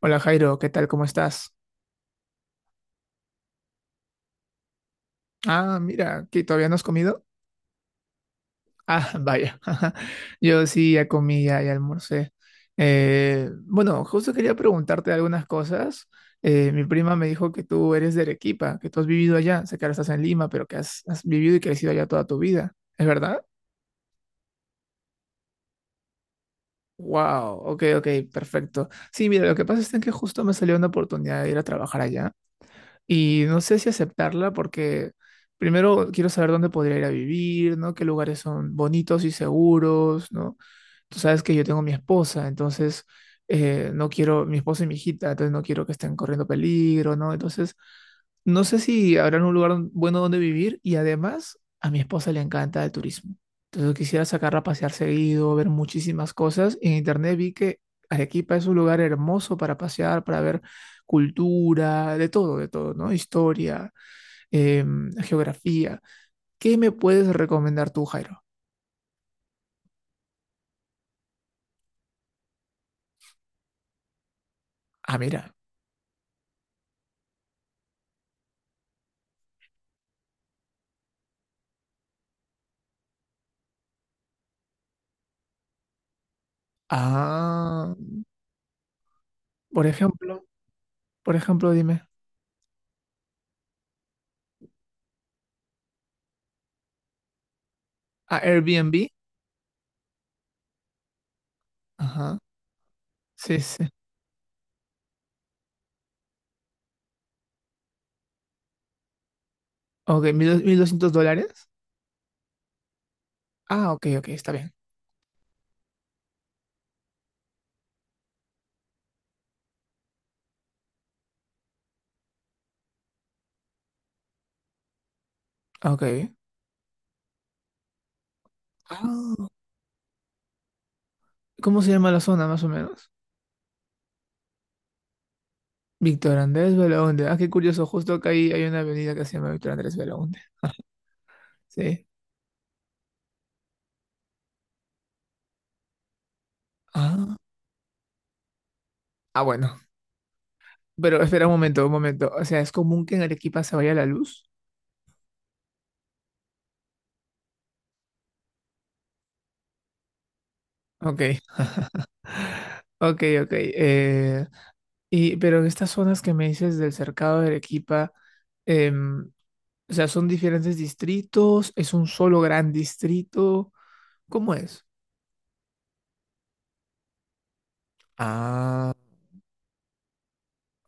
Hola Jairo, ¿qué tal? ¿Cómo estás? Ah, mira, ¿que todavía no has comido? Ah, vaya. Yo sí ya comí, ya almorcé. Bueno, justo quería preguntarte algunas cosas. Mi prima me dijo que tú eres de Arequipa, que tú has vivido allá. Sé que ahora estás en Lima, pero que has vivido y crecido allá toda tu vida. ¿Es verdad? Wow, ok, ok, perfecto. Sí, mira, lo que pasa es que justo me salió una oportunidad de ir a trabajar allá. Y no sé si aceptarla porque primero quiero saber dónde podría ir a vivir, ¿no? Qué lugares son bonitos y seguros, ¿no? Tú sabes que yo tengo mi esposa, entonces no quiero, mi esposa y mi hijita, entonces no quiero que estén corriendo peligro, ¿no? Entonces, no sé si habrán un lugar bueno donde vivir, y además a mi esposa le encanta el turismo. Entonces quisiera sacarla a pasear seguido, ver muchísimas cosas. En internet vi que Arequipa es un lugar hermoso para pasear, para ver cultura, de todo, ¿no? Historia, geografía. ¿Qué me puedes recomendar tú, Jairo? Ah, mira. Ah. Por ejemplo, por ejemplo, dime. Ah, Airbnb. Ajá. Sí, sí, sí. Ok, mil $1.200. Ah, ok, ok, está bien. Ok. Ah, ¿cómo se llama la zona, más o menos? Víctor Andrés Belaúnde. Ah, qué curioso, justo acá ahí hay una avenida que se llama Víctor Andrés Belaúnde. Sí. Ah. Ah, bueno. Pero espera un momento, un momento. O sea, ¿es común que en Arequipa se vaya la luz? Ok, ok, ok. Pero en estas zonas que me dices del cercado de Arequipa, em, o sea, son diferentes distritos, es un solo gran distrito. ¿Cómo es? Ah,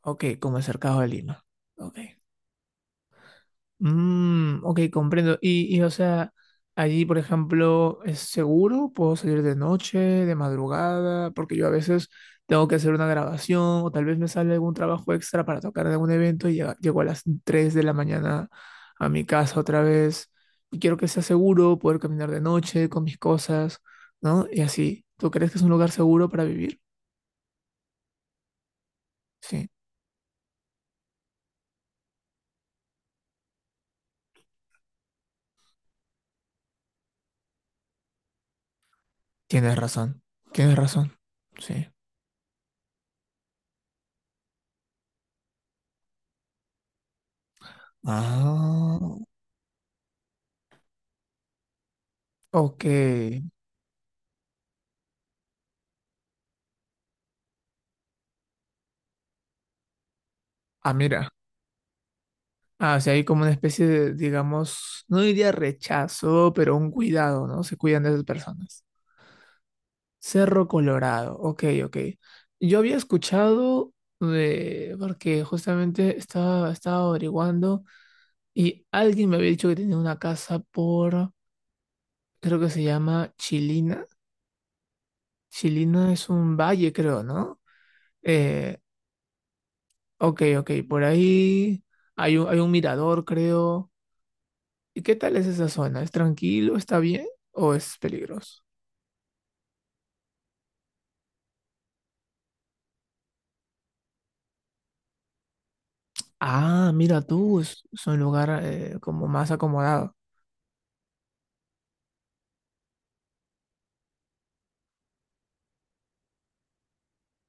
ok, como es cercado de Lima. Ok. Mm, ok, comprendo. Y, o sea, allí, por ejemplo, ¿es seguro? ¿Puedo salir de noche, de madrugada? Porque yo a veces tengo que hacer una grabación o tal vez me sale algún trabajo extra para tocar en algún evento y llego a las 3 de la mañana a mi casa otra vez. Y quiero que sea seguro, poder caminar de noche con mis cosas, ¿no? Y así. ¿Tú crees que es un lugar seguro para vivir? Sí, tienes razón. Tienes razón. Sí. Ah, ok. Ah, mira. Ah, o sea, hay como una especie de, digamos, no diría rechazo, pero un cuidado, ¿no? Se cuidan de esas personas. Cerro Colorado, ok, ok. Yo había escuchado de, porque justamente estaba averiguando y alguien me había dicho que tenía una casa por, creo que se llama Chilina. Chilina es un valle, creo, ¿no? Eh, ok, ok, por ahí hay un mirador, creo. ¿Y qué tal es esa zona? ¿Es tranquilo? ¿Está bien? ¿O es peligroso? Ah, mira tú, es un lugar como más acomodado.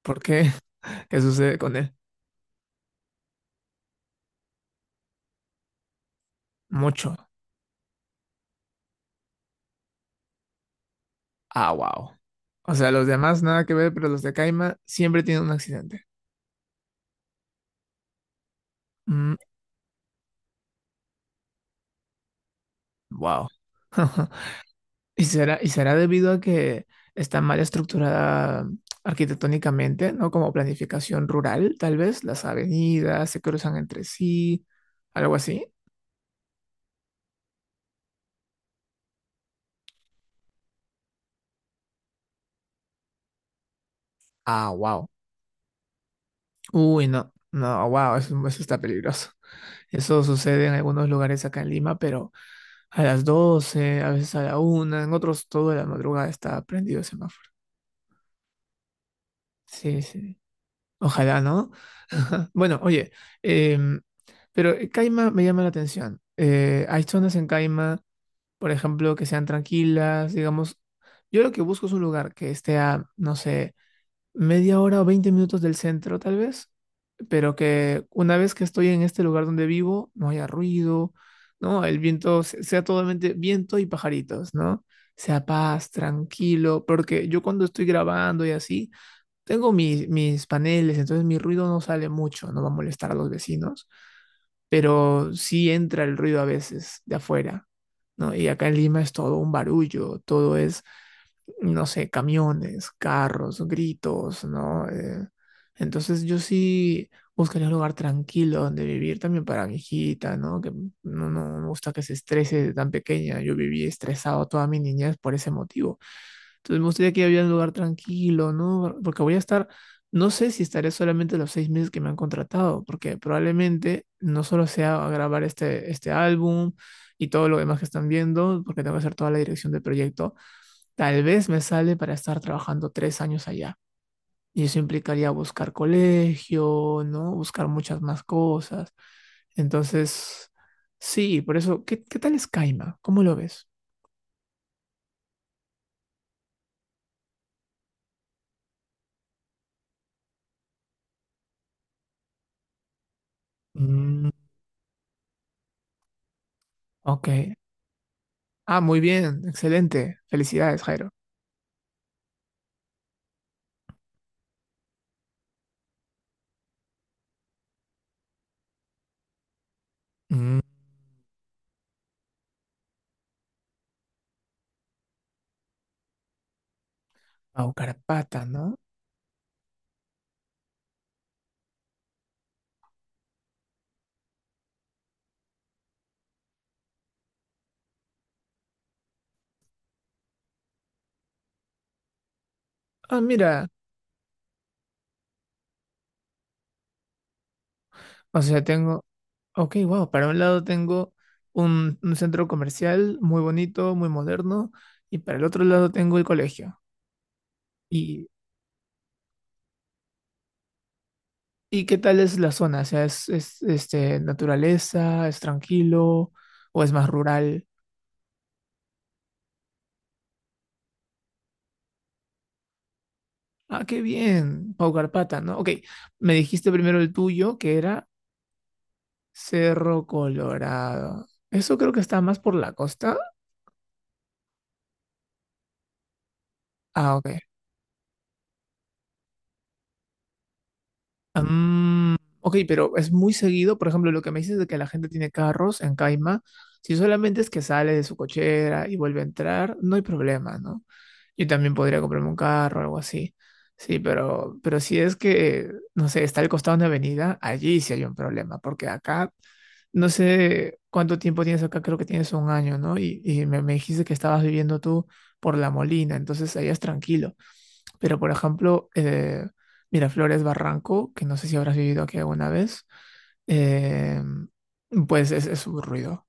¿Por qué? ¿Qué sucede con él? Mucho. Ah, wow. O sea, los demás nada que ver, pero los de Caima siempre tienen un accidente. Mm, wow. Y será debido a que está mal estructurada arquitectónicamente, ¿no? Como planificación rural, tal vez. Las avenidas se cruzan entre sí, algo así. Ah, wow. Uy, no, no, wow, eso está peligroso. Eso sucede en algunos lugares acá en Lima, pero a las 12, a veces a la 1 en otros, toda la madrugada está prendido el semáforo. Sí, sí. Ojalá, ¿no? Bueno, oye, em, pero Caima me llama la atención. Hay zonas en Caima, por ejemplo, que sean tranquilas, digamos. Yo lo que busco es un lugar que esté a, no sé, media hora o 20 minutos del centro, tal vez. Pero que una vez que estoy en este lugar donde vivo, no haya ruido, ¿no? El viento sea totalmente viento y pajaritos, ¿no? Sea paz, tranquilo, porque yo cuando estoy grabando y así, tengo mis, mis paneles, entonces mi ruido no sale mucho, no va a molestar a los vecinos, pero sí entra el ruido a veces de afuera, ¿no? Y acá en Lima es todo un barullo, todo es, no sé, camiones, carros, gritos, ¿no? Entonces yo sí buscaría un lugar tranquilo donde vivir también para mi hijita, ¿no? Que no, no, no me gusta que se estrese de tan pequeña. Yo viví estresado toda mi niñez por ese motivo. Entonces me gustaría que había un lugar tranquilo, ¿no? Porque voy a estar, no sé si estaré solamente los 6 meses que me han contratado, porque probablemente no solo sea grabar este álbum y todo lo demás que están viendo, porque tengo que hacer toda la dirección del proyecto. Tal vez me sale para estar trabajando 3 años allá. Y eso implicaría buscar colegio, ¿no? Buscar muchas más cosas. Entonces, sí, por eso, ¿qué tal es Caima? ¿Cómo lo ves? Mm. Ok. Ah, muy bien, excelente. Felicidades, Jairo. Mm. Pau Carpata, ¿no? Ah, mira, o sea, tengo, ok, wow, para un lado tengo un centro comercial muy bonito, muy moderno, y para el otro lado tengo el colegio. ¿Y ¿Y qué tal es la zona? O sea, ¿es naturaleza? ¿Es tranquilo? ¿O es más rural? Ah, qué bien, Pau Carpata, ¿no? Ok, me dijiste primero el tuyo, que era Cerro Colorado. Eso creo que está más por la costa. Ah, ok. Mm, ok, pero es muy seguido, por ejemplo, lo que me dices de que la gente tiene carros en Caima, si solamente es que sale de su cochera y vuelve a entrar, no hay problema, ¿no? Yo también podría comprarme un carro o algo así. Sí, pero si es que, no sé, está al costado de una avenida, allí sí hay un problema, porque acá, no sé cuánto tiempo tienes acá, creo que tienes un año, ¿no? Y me dijiste que estabas viviendo tú por La Molina, entonces allá es tranquilo. Pero, por ejemplo, Miraflores Barranco, que no sé si habrás vivido aquí alguna vez, eh, pues es un ruido.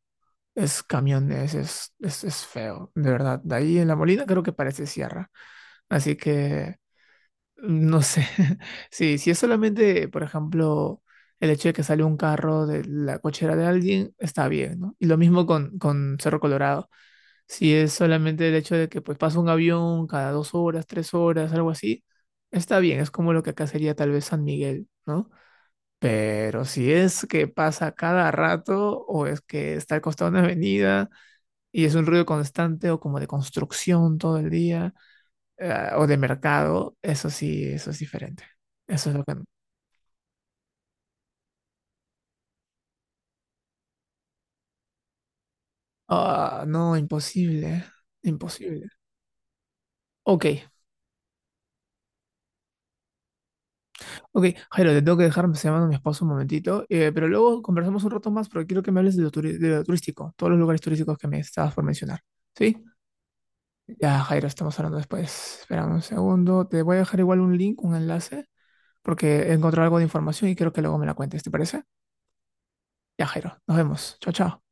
Es camiones, es feo, de verdad. De ahí en La Molina creo que parece sierra. Así que, no sé. Sí, si es solamente, por ejemplo, el hecho de que sale un carro de la cochera de alguien, está bien, ¿no? Y lo mismo con Cerro Colorado. Si es solamente el hecho de que pues pasa un avión cada 2 horas, 3 horas, algo así, está bien, es como lo que acá sería tal vez San Miguel, ¿no? Pero si es que pasa cada rato o es que está al costado de una avenida y es un ruido constante o como de construcción todo el día, o de mercado, eso sí, eso es diferente. Eso es lo que... Ah, no, imposible, imposible. Ok, ok, Jairo, te tengo que dejar, me está llamando mi esposo un momentito, pero luego conversamos un rato más porque quiero que me hables de lo turístico, todos los lugares turísticos que me estabas por mencionar. ¿Sí? Ya, Jairo, estamos hablando después. Espera un segundo, te voy a dejar igual un link, un enlace, porque he encontrado algo de información y quiero que luego me la cuentes, ¿te parece? Ya, Jairo, nos vemos. Chao, chao.